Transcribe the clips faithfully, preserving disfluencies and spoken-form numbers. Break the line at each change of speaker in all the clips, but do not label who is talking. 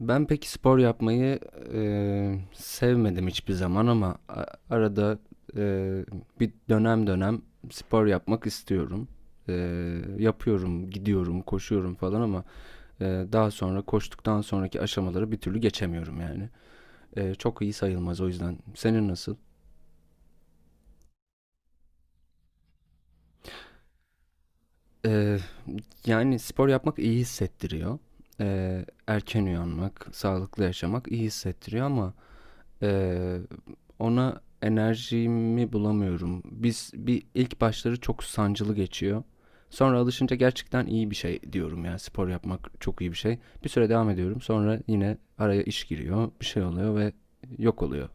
Ben pek spor yapmayı eee, sevmedim hiçbir zaman ama a- arada eee, bir dönem dönem spor yapmak istiyorum. Eee, yapıyorum, gidiyorum, koşuyorum falan ama eee, daha sonra koştuktan sonraki aşamaları bir türlü geçemiyorum yani. Eee, çok iyi sayılmaz o yüzden. Senin nasıl? Eee, Yani spor yapmak iyi hissettiriyor. Eee, erken uyanmak, sağlıklı yaşamak iyi hissettiriyor ama Ee, ona enerjimi bulamıyorum. Biz bir ilk başları çok sancılı geçiyor. Sonra alışınca gerçekten iyi bir şey diyorum ya. Spor yapmak çok iyi bir şey. Bir süre devam ediyorum. Sonra yine araya iş giriyor, bir şey oluyor ve yok oluyor.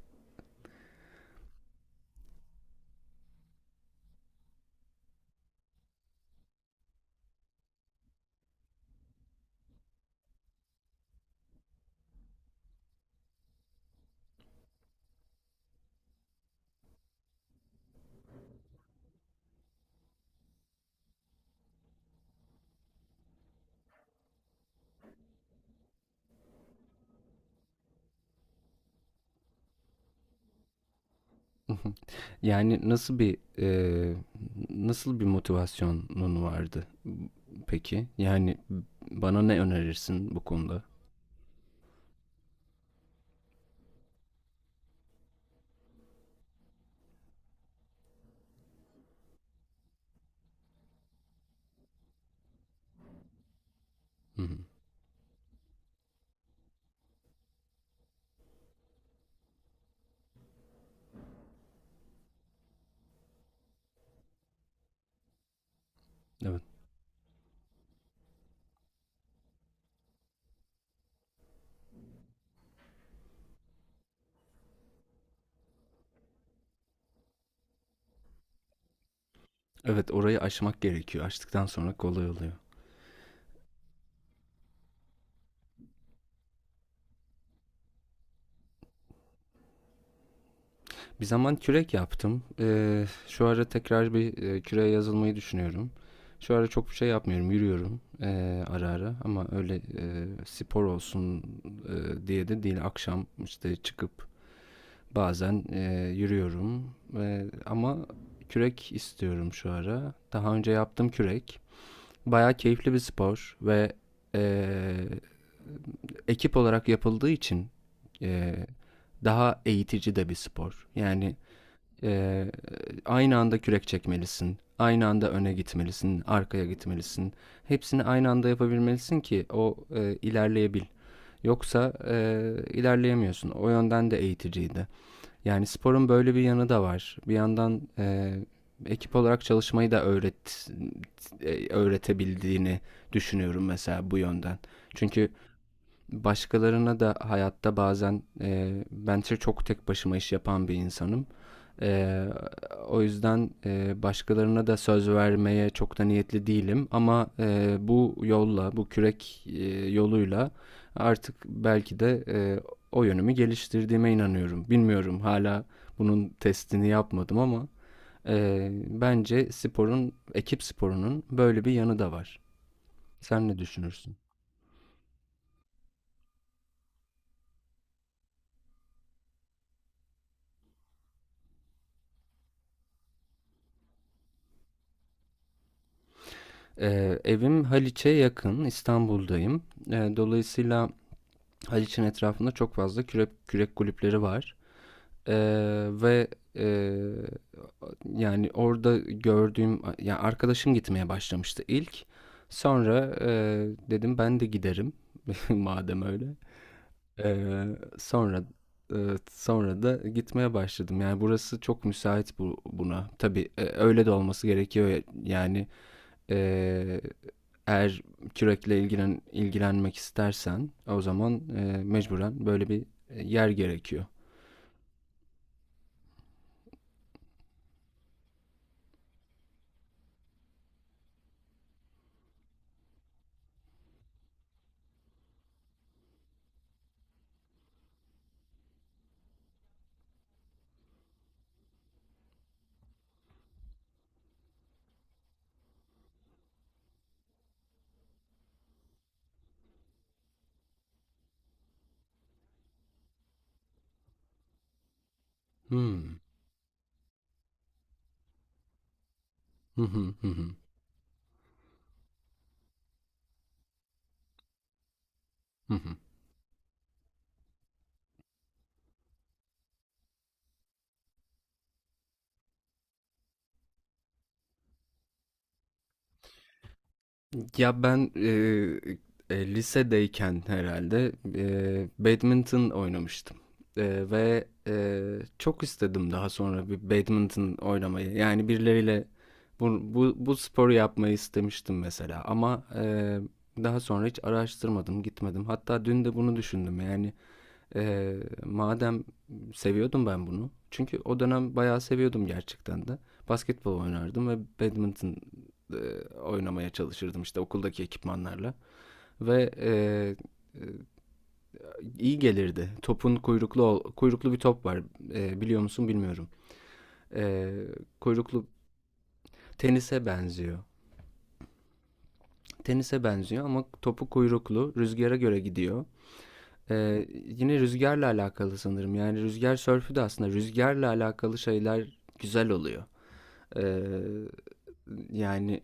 Yani nasıl bir e, nasıl bir motivasyonun vardı peki? Yani bana ne önerirsin bu konuda? Hı hı. Evet. Evet, orayı aşmak gerekiyor. Aştıktan sonra kolay oluyor. Bir zaman kürek yaptım. Eee, şu ara tekrar bir e, küreğe yazılmayı düşünüyorum. Şu ara çok bir şey yapmıyorum. Yürüyorum eee, ara ara ama öyle e, spor olsun e, diye de değil. Akşam işte çıkıp bazen e, yürüyorum. E, ama kürek istiyorum şu ara. Daha önce yaptım kürek. Bayağı keyifli bir spor ve e, ekip olarak yapıldığı için e, daha eğitici de bir spor. Yani ee, aynı anda kürek çekmelisin. Aynı anda öne gitmelisin, arkaya gitmelisin. Hepsini aynı anda yapabilmelisin ki o e, ilerleyebil. Yoksa e, ilerleyemiyorsun. O yönden de eğiticiydi. Yani sporun böyle bir yanı da var. Bir yandan e, ekip olarak çalışmayı da öğret e, öğretebildiğini düşünüyorum mesela bu yönden. Çünkü başkalarına da hayatta bazen e, ben çok tek başıma iş yapan bir insanım. E, O yüzden e, başkalarına da söz vermeye çok da niyetli değilim. Ama e, bu yolla, bu kürek e, yoluyla artık belki de e, o yönümü geliştirdiğime inanıyorum. Bilmiyorum hala bunun testini yapmadım ama e, bence sporun, ekip sporunun böyle bir yanı da var. Sen ne düşünürsün? Eee, evim Haliç'e yakın, İstanbul'dayım. Eee, dolayısıyla Haliç'in etrafında çok fazla kürek, kürek kulüpleri var. Eee, Ve eee, yani orada gördüğüm, yani arkadaşım gitmeye başlamıştı ilk. Sonra eee, dedim ben de giderim madem öyle. Eee, sonra eee, sonra da gitmeye başladım. Yani burası çok müsait bu, buna. Tabii eee, öyle de olması gerekiyor. Yani ee, eğer kürekle ilgilen, ilgilenmek istersen o zaman e, mecburen böyle bir e, yer gerekiyor. Hmm. Hı hı hı hı. Hı hı. Ya ben e, e, lisedeyken herhalde e, badminton oynamıştım. E, ve e, çok istedim daha sonra bir badminton oynamayı. Yani birileriyle bu, bu, bu sporu yapmayı istemiştim mesela. Ama e, daha sonra hiç araştırmadım, gitmedim. Hatta dün de bunu düşündüm. Yani Ee, madem seviyordum ben bunu. Çünkü o dönem bayağı seviyordum gerçekten de. Basketbol oynardım ve badminton e, oynamaya çalışırdım işte okuldaki ekipmanlarla. Ve e, e, iyi gelirdi. Topun kuyruklu kuyruklu bir top var. E, biliyor musun bilmiyorum. E, Kuyruklu tenise benziyor. Tenise benziyor ama topu kuyruklu, rüzgara göre gidiyor. Ee, yine rüzgarla alakalı sanırım. Yani rüzgar sörfü de aslında rüzgarla alakalı şeyler güzel oluyor. Ee, yani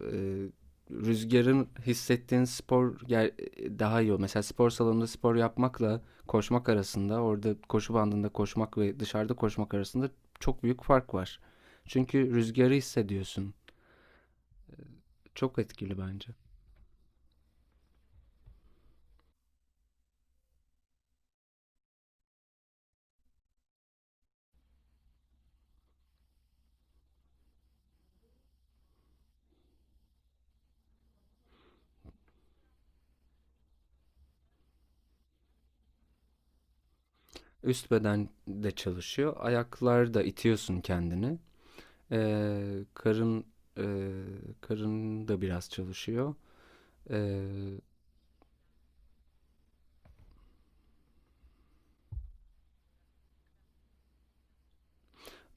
e, rüzgarın hissettiğin spor ger- daha iyi oluyor. Mesela spor salonunda spor yapmakla koşmak arasında, orada koşu bandında koşmak ve dışarıda koşmak arasında çok büyük fark var. Çünkü rüzgarı hissediyorsun. Çok etkili bence. Üst beden de çalışıyor. Ayaklar da itiyorsun kendini. Eee, karım, eee, karım da biraz çalışıyor. Eee,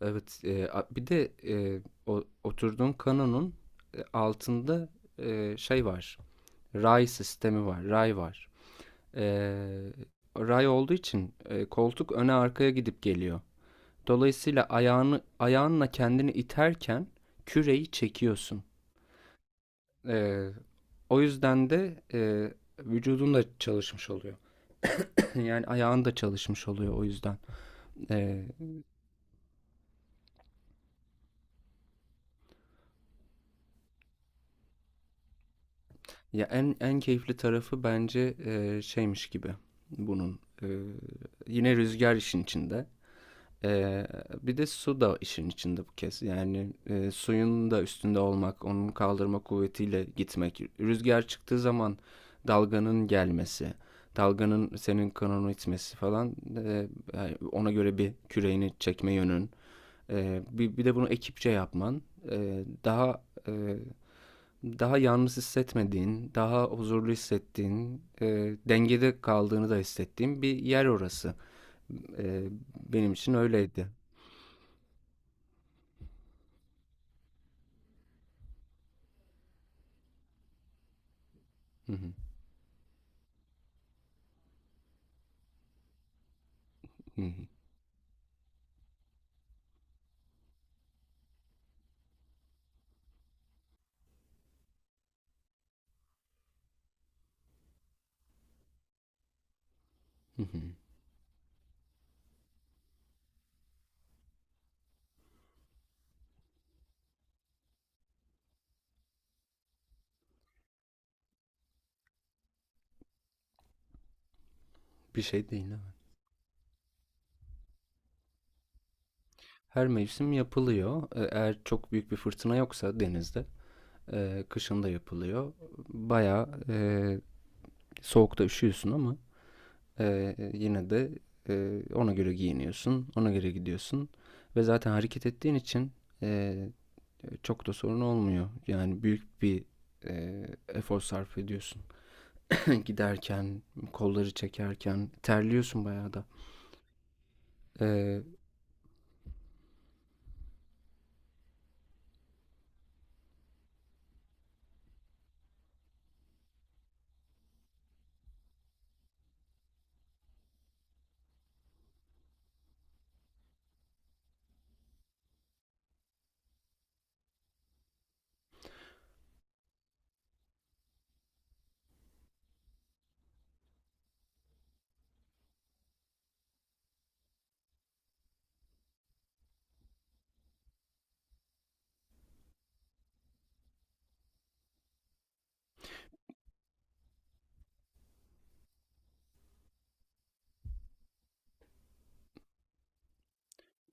evet, eee, a- bir de eee, o, oturduğum kanonun e, altında eee, şey var. Ray sistemi var, ray var. Eee, Ray olduğu için e, koltuk öne arkaya gidip geliyor. Dolayısıyla ayağını ayağınla kendini iterken küreyi çekiyorsun. Eee, O yüzden de eee vücudun da çalışmış oluyor. Yani ayağın da çalışmış oluyor o yüzden. Ee, Ya en en keyifli tarafı bence e, şeymiş gibi bunun. Ee, yine rüzgar işin içinde. Ee, Bir de su da işin içinde bu kez. Yani e, suyun da üstünde olmak, onun kaldırma kuvvetiyle gitmek. Rüzgar çıktığı zaman dalganın gelmesi, dalganın senin kanonu itmesi falan. E, yani ona göre bir küreğini çekme yönün. E, bir, bir de bunu ekipçe yapman e, daha e, daha yalnız hissetmediğin, daha huzurlu hissettiğin, e, dengede kaldığını da hissettiğin bir yer orası. E, Benim için öyleydi. Hı hı, hı hı, hı hı. Bir şey değil ama. Her mevsim yapılıyor. E, eğer çok büyük bir fırtına yoksa denizde, e, kışın da yapılıyor. Bayağı e, soğukta üşüyorsun ama e, yine de e, ona göre giyiniyorsun, ona göre gidiyorsun ve zaten hareket ettiğin için e, çok da sorun olmuyor. Yani büyük bir e, efor sarf ediyorsun. Giderken, kolları çekerken terliyorsun bayağı da. E,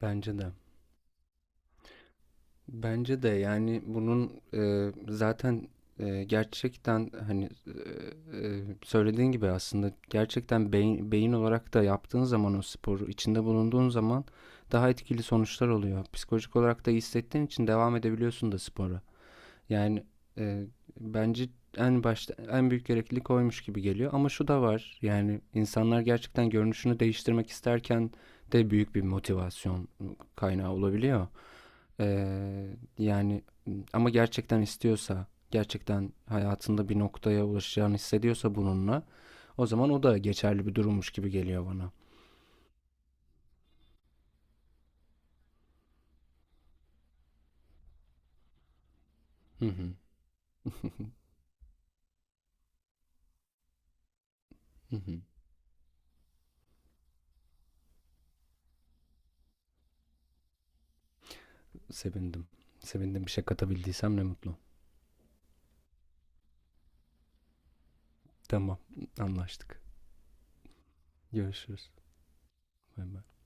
Bence de. Bence de yani bunun e, zaten e, gerçekten hani e, e, söylediğin gibi aslında gerçekten beyin, beyin olarak da yaptığın zaman o sporu içinde bulunduğun zaman daha etkili sonuçlar oluyor. Psikolojik olarak da hissettiğin için devam edebiliyorsun da spora. Yani e, bence en başta en büyük gereklilik oymuş gibi geliyor. Ama şu da var yani insanlar gerçekten görünüşünü değiştirmek isterken de büyük bir motivasyon kaynağı olabiliyor. E, Yani ama gerçekten istiyorsa gerçekten hayatında bir noktaya ulaşacağını hissediyorsa bununla o zaman o da geçerli bir durummuş gibi geliyor bana. Hı hı. Hı hı. Sevindim. Sevindim bir şey katabildiysem ne mutlu. Tamam anlaştık. Görüşürüz. Bay bay.